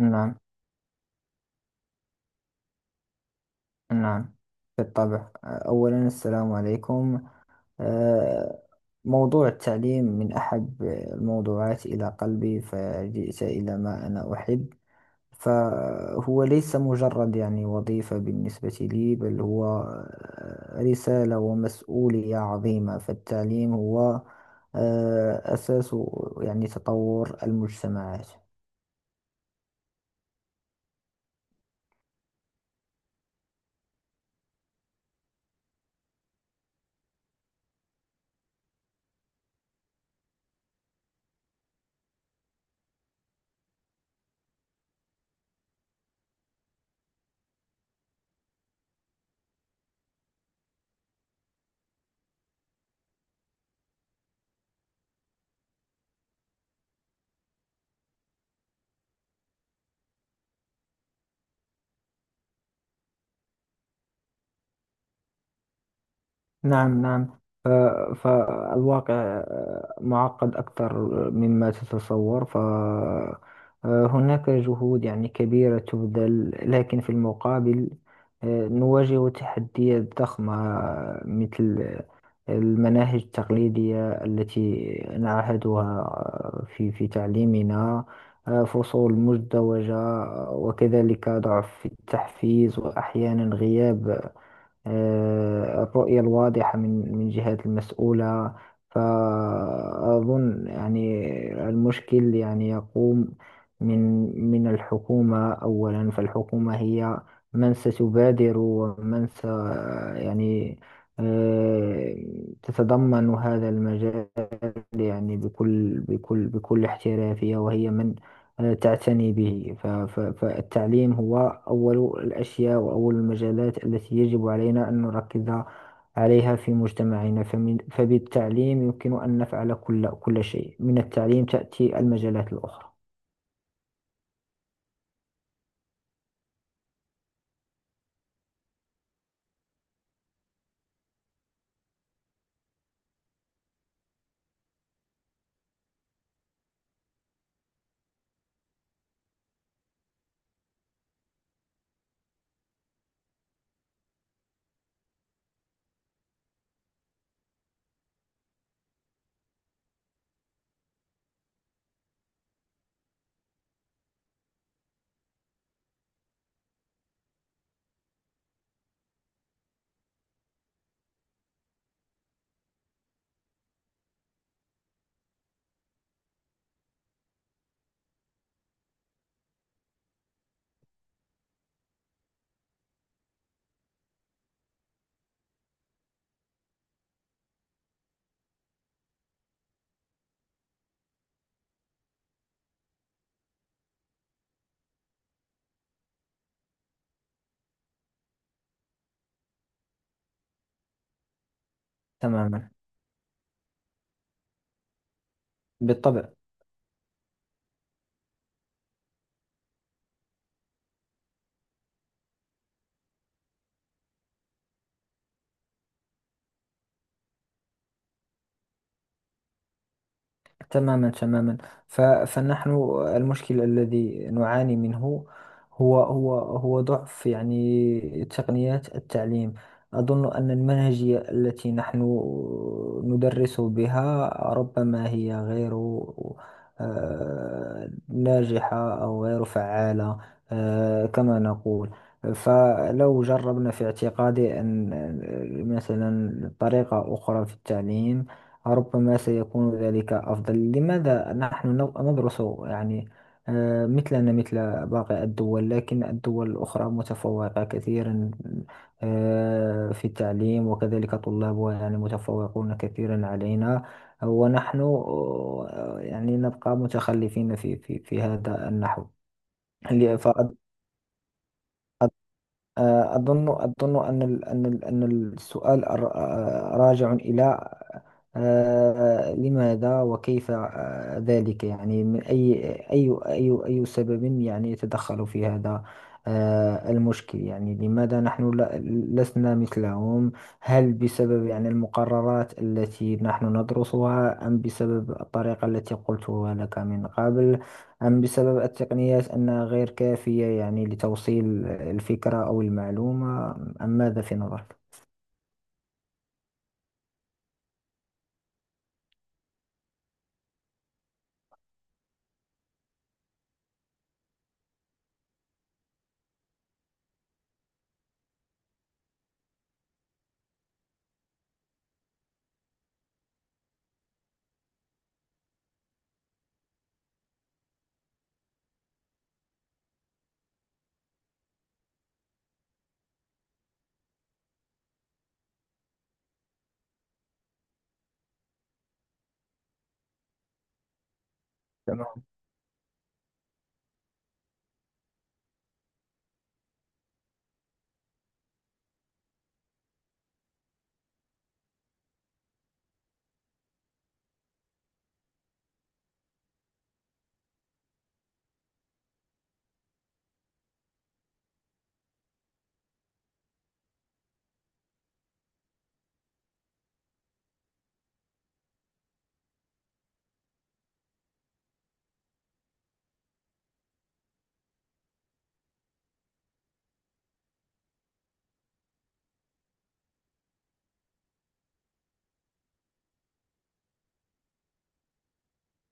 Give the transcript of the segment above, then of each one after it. نعم، نعم، بالطبع. أولا السلام عليكم. آه، موضوع التعليم من أحب الموضوعات إلى قلبي، فجئت إلى ما أنا أحب، فهو ليس مجرد وظيفة بالنسبة لي، بل هو رسالة ومسؤولية عظيمة. فالتعليم هو أساس تطور المجتمعات. نعم، نعم. ف- فالواقع معقد أكثر مما تتصور، فهناك جهود كبيرة تبذل، لكن في المقابل نواجه تحديات ضخمة، مثل المناهج التقليدية التي نعهدها في تعليمنا، فصول مزدوجة، وكذلك ضعف في التحفيز، وأحيانا غياب الرؤية الواضحة من جهات المسؤولة. فأظن المشكل يقوم من الحكومة أولا، فالحكومة هي من ستبادر، ومن س يعني آه، تتضمن هذا المجال بكل احترافية، وهي من تعتني به. فالتعليم هو أول الأشياء، وأول المجالات التي يجب علينا أن نركز عليها في مجتمعنا، فبالتعليم يمكن أن نفعل كل شيء. من التعليم تأتي المجالات الأخرى. تماما. بالطبع. تماما، تماما. فنحن المشكل الذي نعاني منه هو ضعف تقنيات التعليم. أظن أن المنهجية التي نحن ندرس بها ربما هي غير ناجحة، أو غير فعالة كما نقول. فلو جربنا في اعتقادي أن مثلا طريقة أخرى في التعليم، ربما سيكون ذلك أفضل. لماذا نحن ندرس مثلنا مثل باقي الدول، لكن الدول الأخرى متفوقة كثيرا في التعليم، وكذلك طلابها متفوقون كثيرا علينا، ونحن نبقى متخلفين في في هذا النحو. أظن، أظن أن السؤال راجع إلى لماذا وكيف ذلك، من أي سبب يتدخل في هذا المشكل. لماذا نحن لسنا مثلهم؟ هل بسبب المقررات التي نحن ندرسها، أم بسبب الطريقة التي قلتها لك من قبل، أم بسبب التقنيات أنها غير كافية لتوصيل الفكرة أو المعلومة، أم ماذا في نظرك؟ تمام.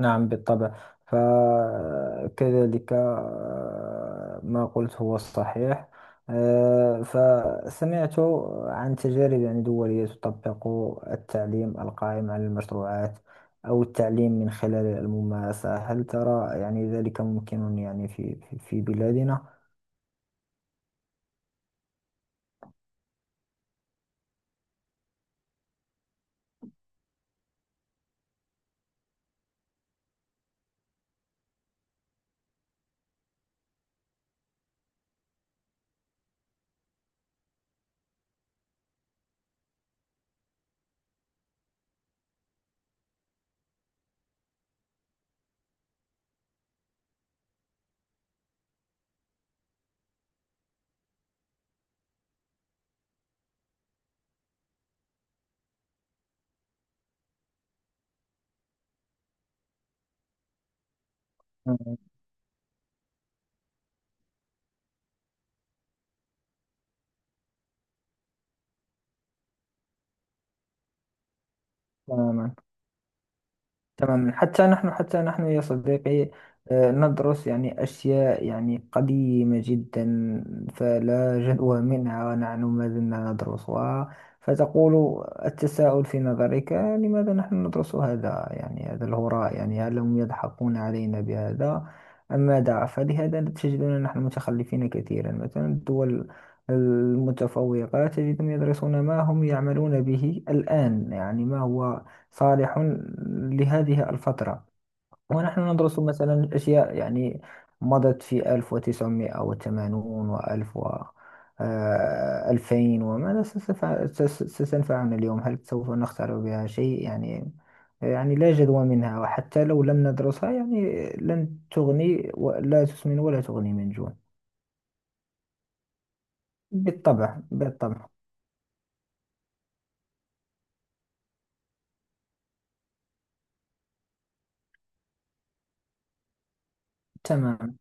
نعم، بالطبع. فكذلك ما قلت هو الصحيح. فسمعت عن تجارب دولية تطبق التعليم القائم على المشروعات، أو التعليم من خلال الممارسة. هل ترى ذلك ممكن في في بلادنا؟ مم. تماما، تماما. حتى نحن، حتى نحن يا صديقي ندرس أشياء قديمة جدا، فلا جدوى منها، ونحن ما زلنا ندرسها. فتقول التساؤل في نظرك، لماذا نحن ندرس هذا هذا الهراء؟ هل هم يضحكون علينا بهذا أم ماذا؟ فلهذا تجدنا نحن متخلفين كثيرا. مثلا الدول المتفوقة تجدهم يدرسون ما هم يعملون به الآن، ما هو صالح لهذه الفترة، ونحن ندرس مثلا أشياء مضت في 1980 وألف و 2000. وماذا ستنفعنا اليوم؟ هل سوف نخترع بها شيء؟ لا جدوى منها، وحتى لو لم ندرسها لن تغني ولا تسمن ولا تغني من جوع. بالطبع، بالطبع. تمام،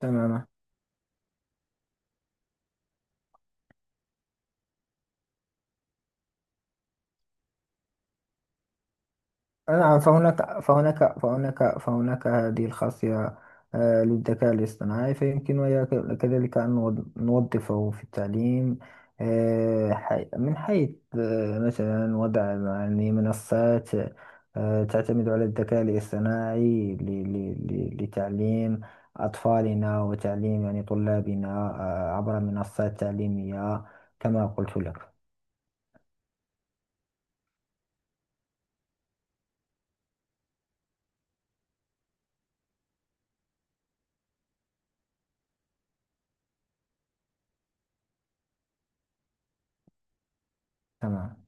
تمام. نعم، فهناك هذه الخاصية للذكاء الاصطناعي، فيمكننا كذلك أن نوظفه في التعليم من حيث مثلا وضع منصات تعتمد على الذكاء الاصطناعي لتعليم أطفالنا، وتعليم طلابنا عبر منصات تعليمية كما قلت لك. تمام.